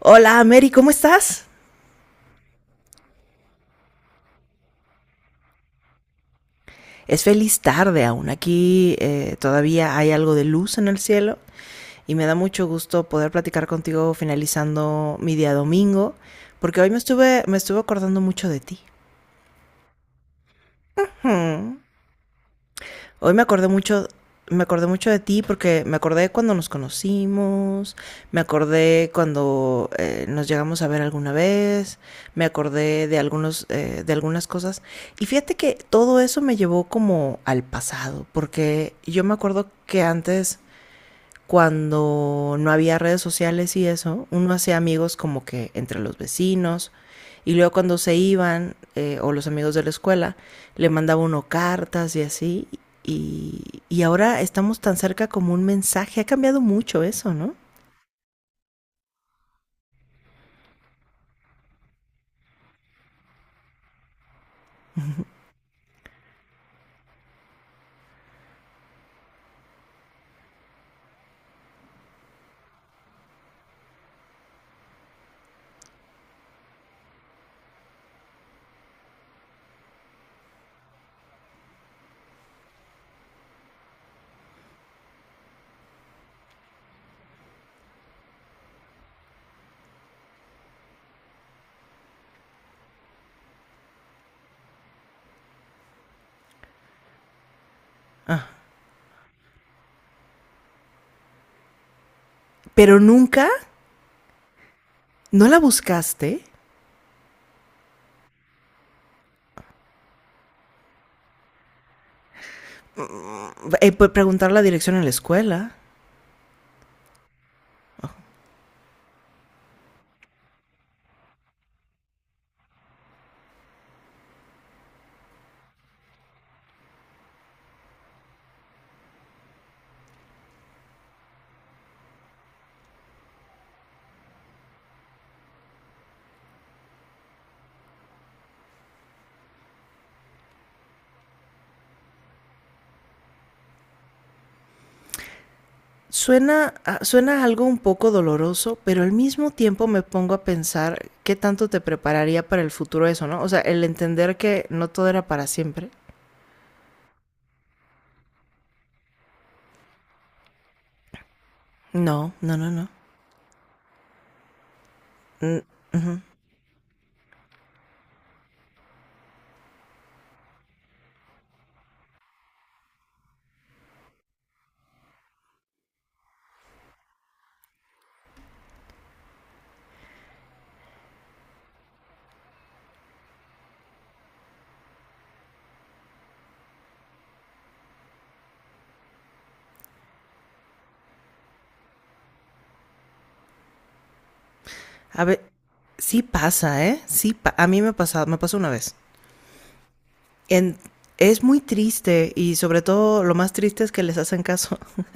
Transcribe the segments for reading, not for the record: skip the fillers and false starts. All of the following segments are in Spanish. Hola Mary, ¿cómo estás? Es feliz tarde aún. Aquí todavía hay algo de luz en el cielo y me da mucho gusto poder platicar contigo finalizando mi día domingo, porque hoy me estuve acordando mucho de ti. Hmm. Hoy me acordé mucho de ti porque me acordé cuando nos conocimos, me acordé cuando nos llegamos a ver alguna vez, me acordé de algunos, de algunas cosas. Y fíjate que todo eso me llevó como al pasado, porque yo me acuerdo que antes cuando no había redes sociales y eso, uno hacía amigos como que entre los vecinos. Y luego cuando se iban, o los amigos de la escuela, le mandaba uno cartas y así. Y ahora estamos tan cerca como un mensaje. Ha cambiado mucho eso, ¿no? Pero nunca, ¿no la buscaste? Pues, preguntar la dirección en la escuela. Suena, suena algo un poco doloroso, pero al mismo tiempo me pongo a pensar qué tanto te prepararía para el futuro eso, ¿no? O sea, el entender que no todo era para siempre. No, no, no, no. Mm, ujú. A ver, sí pasa, ¿eh? Sí, a mí me pasado, me pasó una vez. En- es muy triste y sobre todo lo más triste es que les hacen caso.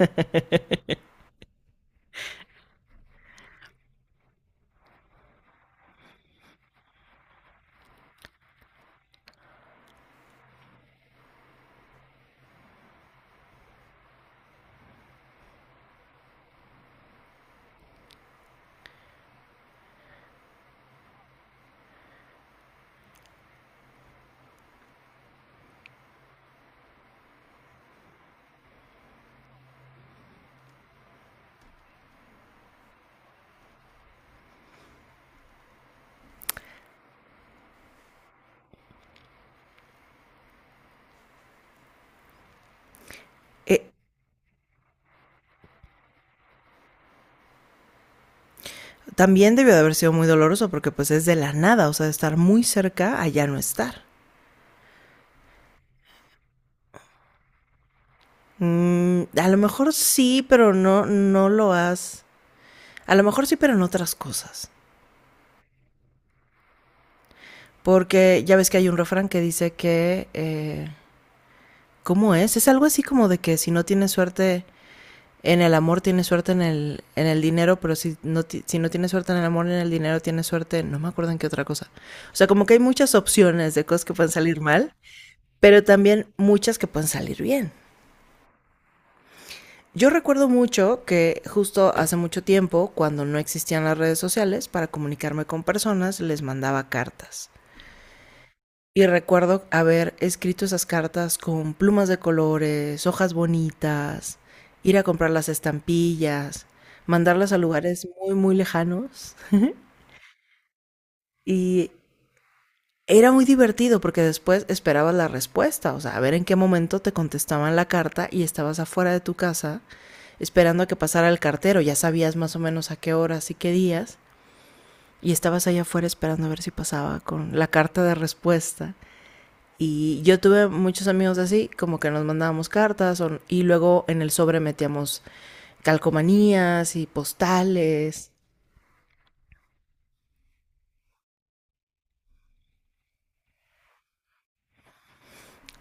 Eh, también debió de haber sido muy doloroso porque pues es de la nada, o sea, de estar muy cerca a ya no estar. Mm, a lo mejor sí, pero no, no lo has. A lo mejor sí, pero en otras cosas. Porque ya ves que hay un refrán que dice que. ¿Cómo es? Es algo así como de que si no tienes suerte en el amor, tienes suerte en el dinero, pero si no, si no tienes suerte en el amor, en el dinero, tienes suerte. No me acuerdo en qué otra cosa. O sea, como que hay muchas opciones de cosas que pueden salir mal, pero también muchas que pueden salir bien. Yo recuerdo mucho que justo hace mucho tiempo, cuando no existían las redes sociales, para comunicarme con personas les mandaba cartas. Y recuerdo haber escrito esas cartas con plumas de colores, hojas bonitas, ir a comprar las estampillas, mandarlas a lugares muy, muy lejanos. Y era muy divertido porque después esperabas la respuesta, o sea, a ver en qué momento te contestaban la carta y estabas afuera de tu casa esperando a que pasara el cartero, ya sabías más o menos a qué horas y qué días, y estabas allá afuera esperando a ver si pasaba con la carta de respuesta. Y yo tuve muchos amigos así, como que nos mandábamos cartas y luego en el sobre metíamos calcomanías y postales,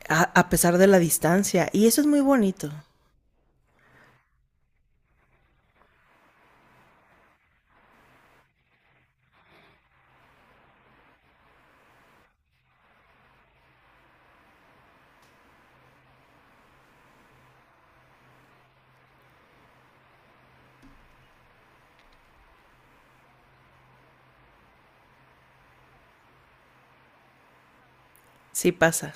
a pesar de la distancia. Y eso es muy bonito. Sí pasa.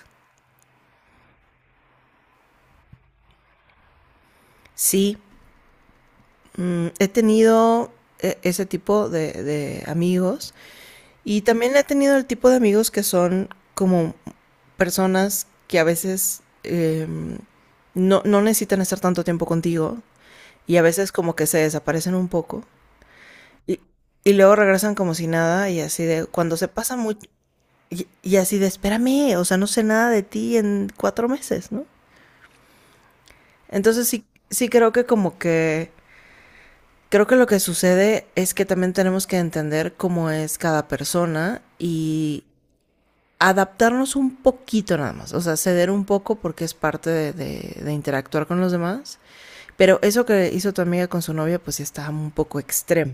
Sí, mm, he tenido ese tipo de amigos y también he tenido el tipo de amigos que son como personas que a veces no, no necesitan estar tanto tiempo contigo y a veces como que se desaparecen un poco y, y luego regresan como si nada y así de cuando se pasa mucho y así de espérame, o sea, no sé nada de ti en 4 meses, ¿no? Entonces sí, sí creo que como que creo que lo que sucede es que también tenemos que entender cómo es cada persona y adaptarnos un poquito nada más, o sea, ceder un poco porque es parte de, de interactuar con los demás, pero eso que hizo tu amiga con su novia pues sí está un poco extremo.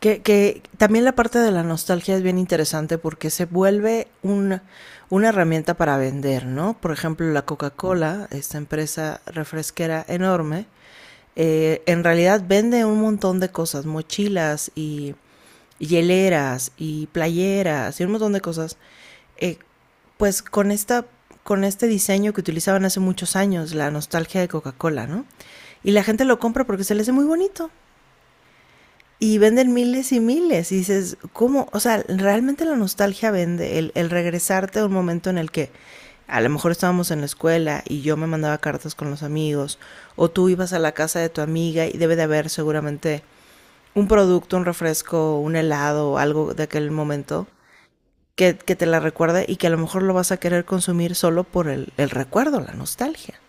Que también la parte de la nostalgia es bien interesante porque se vuelve una herramienta para vender, ¿no? Por ejemplo, la Coca-Cola, esta empresa refresquera enorme. En realidad vende un montón de cosas, mochilas y hieleras y playeras y un montón de cosas. Eh, pues con esta con este diseño que utilizaban hace muchos años, la nostalgia de Coca-Cola, ¿no? Y la gente lo compra porque se le hace muy bonito. Y venden miles y miles. Y dices, ¿cómo? O sea, realmente la nostalgia vende. El regresarte a un momento en el que a lo mejor estábamos en la escuela y yo me mandaba cartas con los amigos. O tú ibas a la casa de tu amiga y debe de haber seguramente un producto, un refresco, un helado o algo de aquel momento que te la recuerde y que a lo mejor lo vas a querer consumir solo por el recuerdo, la nostalgia.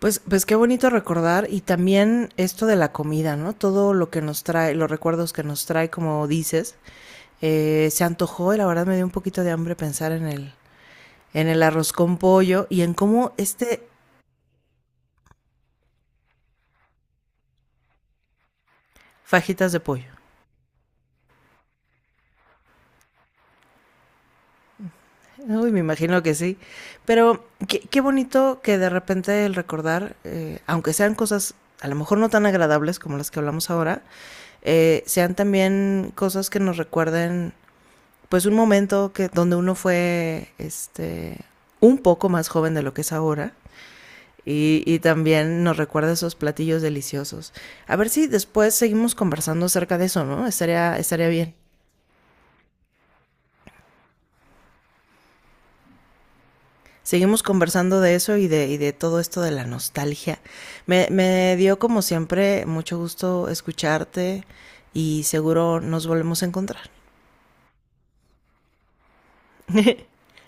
Pues, pues qué bonito recordar y también esto de la comida, ¿no? Todo lo que nos trae, los recuerdos que nos trae, como dices, se antojó y la verdad me dio un poquito de hambre pensar en el arroz con pollo y en cómo este fajitas de pollo. Uy, me imagino que sí. Pero qué, qué bonito que de repente el recordar, aunque sean cosas a lo mejor no tan agradables como las que hablamos ahora, sean también cosas que nos recuerden pues un momento que donde uno fue este un poco más joven de lo que es ahora y también nos recuerda esos platillos deliciosos. A ver si después seguimos conversando acerca de eso, ¿no? Estaría, estaría bien. Seguimos conversando de eso y de todo esto de la nostalgia. Me dio como siempre mucho gusto escucharte y seguro nos volvemos a encontrar.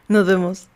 Nos vemos.